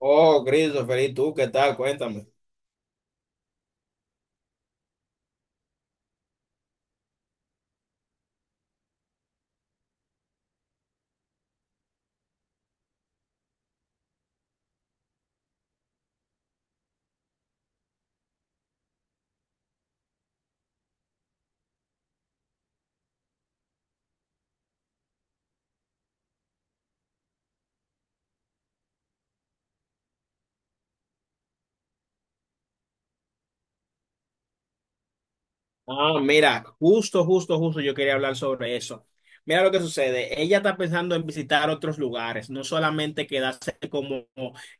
Oh, Christopher, ¿y tú qué tal? Cuéntame. Ah, mira, justo yo quería hablar sobre eso. Mira lo que sucede. Ella está pensando en visitar otros lugares, no solamente quedarse como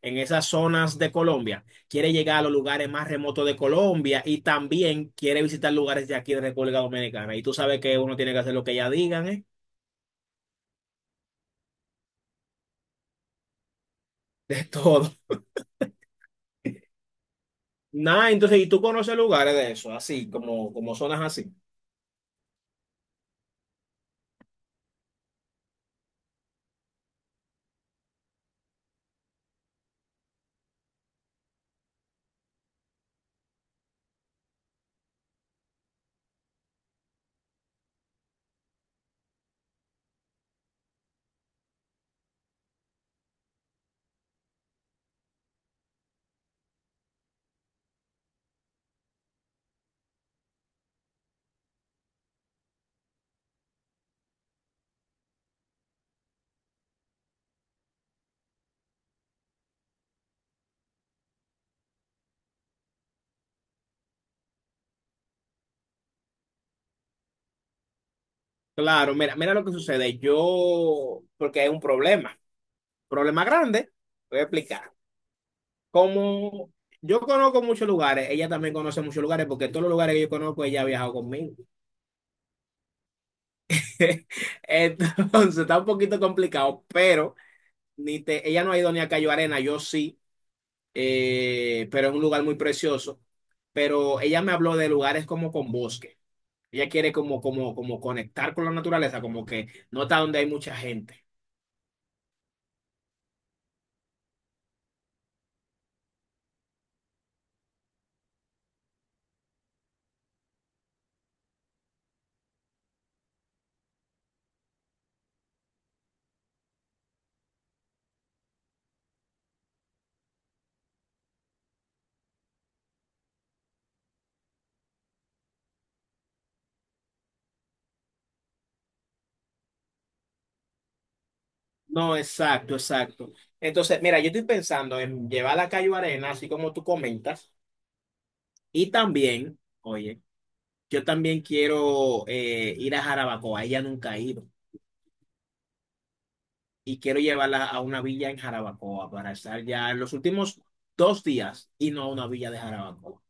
en esas zonas de Colombia. Quiere llegar a los lugares más remotos de Colombia y también quiere visitar lugares de aquí de República Dominicana. Y tú sabes que uno tiene que hacer lo que ella digan, ¿eh? Todo. Nada, entonces, ¿y tú conoces lugares de eso? Así, como zonas así. Claro, mira, mira lo que sucede. Yo, porque hay un problema. Problema grande, voy a explicar. Como yo conozco muchos lugares, ella también conoce muchos lugares, porque todos los lugares que yo conozco, ella ha viajado conmigo. Entonces, está un poquito complicado, pero ni te, ella no ha ido ni a Cayo Arena, yo sí, pero es un lugar muy precioso. Pero ella me habló de lugares como con bosque. Ella quiere como, como conectar con la naturaleza, como que no está donde hay mucha gente. No, exacto, exacto. Entonces, mira, yo estoy pensando en llevar a Cayo Arena, así como tú comentas. Y también, oye, yo también quiero ir a Jarabacoa, ella nunca ha ido, y quiero llevarla a una villa en Jarabacoa para estar ya en los últimos dos días y no a una villa de Jarabacoa.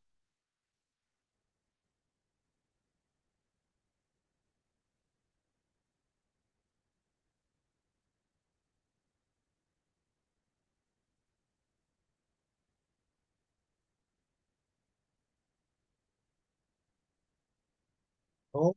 ¿No?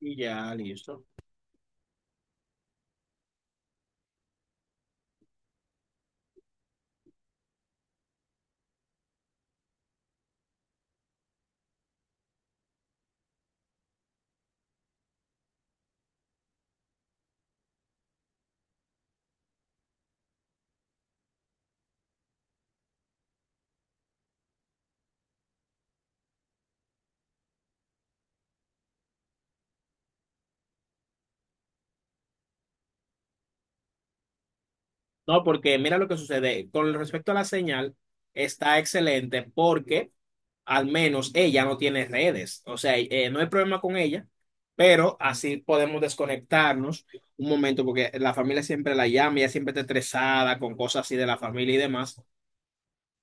Y ya, listo. No, porque mira lo que sucede. Con respecto a la señal, está excelente porque al menos ella no tiene redes. O sea, no hay problema con ella, pero así podemos desconectarnos un momento porque la familia siempre la llama, ella siempre está estresada con cosas así de la familia y demás.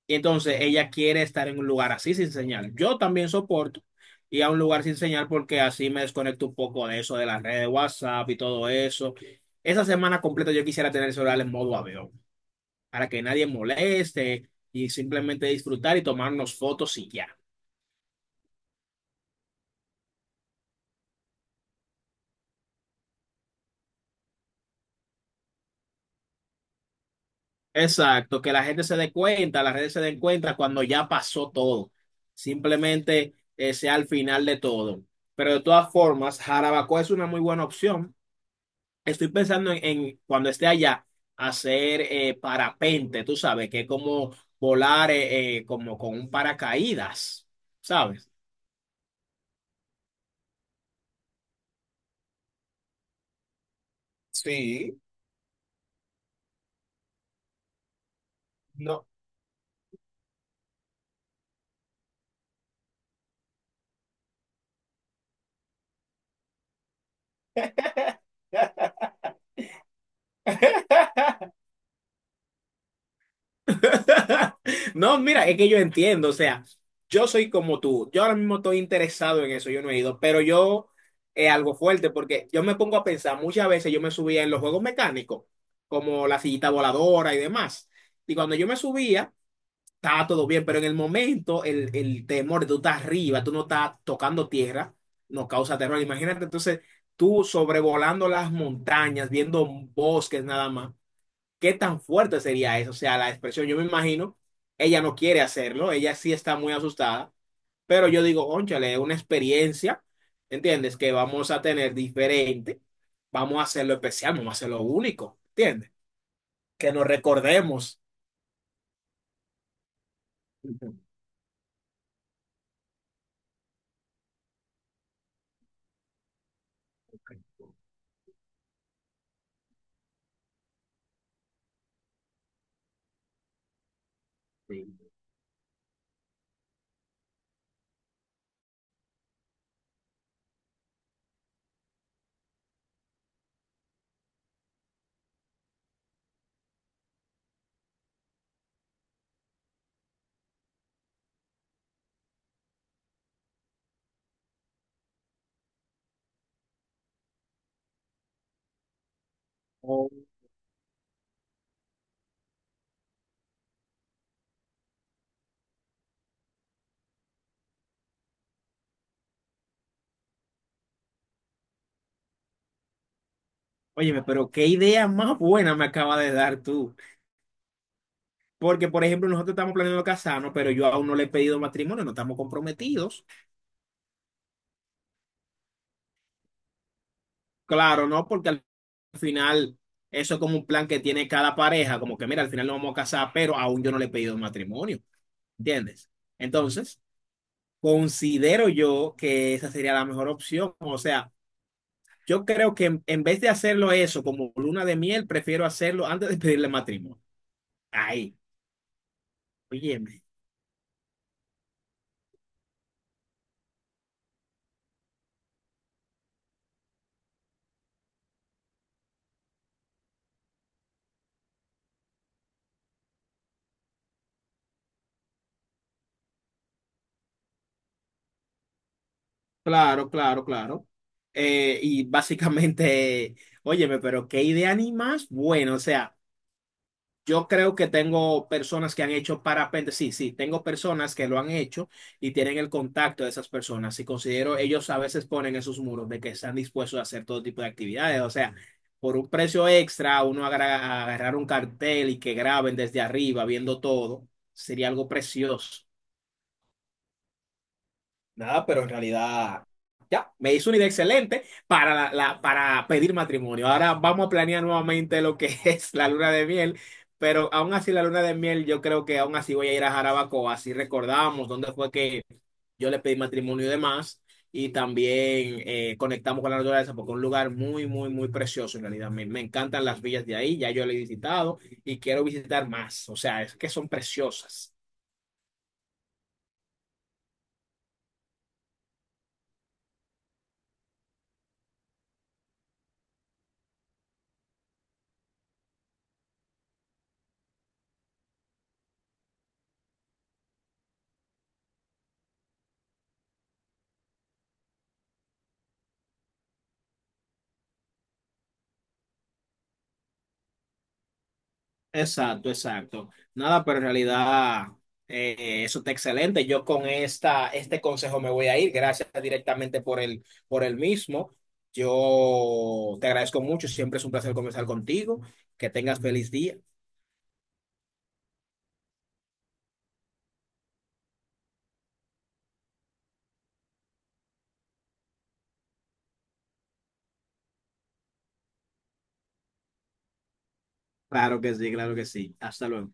Y entonces ella quiere estar en un lugar así sin señal. Yo también soporto ir a un lugar sin señal porque así me desconecto un poco de eso, de las redes de WhatsApp y todo eso. Esa semana completa yo quisiera tener el celular en modo avión, para que nadie moleste y simplemente disfrutar y tomarnos fotos y ya. Exacto, que la gente se dé cuenta, las redes se den cuenta cuando ya pasó todo. Simplemente sea al final de todo. Pero de todas formas, Jarabacoa es una muy buena opción. Estoy pensando en cuando esté allá, hacer parapente, tú sabes, que es como volar como con un paracaídas, ¿sabes? Sí, no. No, mira, es que yo entiendo, o sea, yo soy como tú, yo ahora mismo estoy interesado en eso, yo no he ido, pero yo es algo fuerte porque yo me pongo a pensar, muchas veces yo me subía en los juegos mecánicos, como la sillita voladora y demás, y cuando yo me subía, estaba todo bien, pero en el momento el temor de tú estás arriba, tú no estás tocando tierra, nos causa terror, imagínate entonces tú sobrevolando las montañas, viendo bosques nada más. ¿Qué tan fuerte sería eso? O sea, la expresión, yo me imagino, ella no quiere hacerlo, ella sí está muy asustada, pero yo digo, ónchale, es una experiencia, ¿entiendes? Que vamos a tener diferente, vamos a hacerlo especial, vamos a hacerlo único, ¿entiendes? Que nos recordemos. Sí. O- Óyeme, pero qué idea más buena me acaba de dar tú. Porque, por ejemplo, nosotros estamos planeando casarnos, pero yo aún no le he pedido matrimonio, no estamos comprometidos. Claro, ¿no? Porque al final eso es como un plan que tiene cada pareja, como que mira, al final nos vamos a casar, pero aún yo no le he pedido matrimonio, ¿entiendes? Entonces, considero yo que esa sería la mejor opción, o sea, yo creo que en vez de hacerlo eso como luna de miel, prefiero hacerlo antes de pedirle matrimonio. Ahí, óyeme. Claro, claro, claro. Y básicamente, óyeme, pero qué idea ni más, bueno, o sea. Yo creo que tengo personas que han hecho parapente, sí, sí, tengo personas que lo han hecho y tienen el contacto de esas personas. Y considero, ellos a veces ponen esos muros de que están dispuestos a hacer todo tipo de actividades. O sea, por un precio extra, uno agarrar un cartel y que graben desde arriba viendo todo, sería algo precioso. Nada, pero en realidad ya me hizo una idea excelente para, para pedir matrimonio. Ahora vamos a planear nuevamente lo que es la luna de miel, pero aún así la luna de miel yo creo que aún así voy a ir a Jarabacoa, así recordamos dónde fue que yo le pedí matrimonio y demás, y también conectamos con la naturaleza porque es un lugar muy, muy, muy precioso en realidad. Me encantan las villas de ahí, ya yo lo he visitado y quiero visitar más, o sea, es que son preciosas. Exacto, exacto. Nada, pero en realidad eso está excelente. Yo con esta, este consejo me voy a ir. Gracias directamente por por el mismo. Yo te agradezco mucho. Siempre es un placer conversar contigo. Que tengas feliz día. Claro que sí, claro que sí. Hasta luego.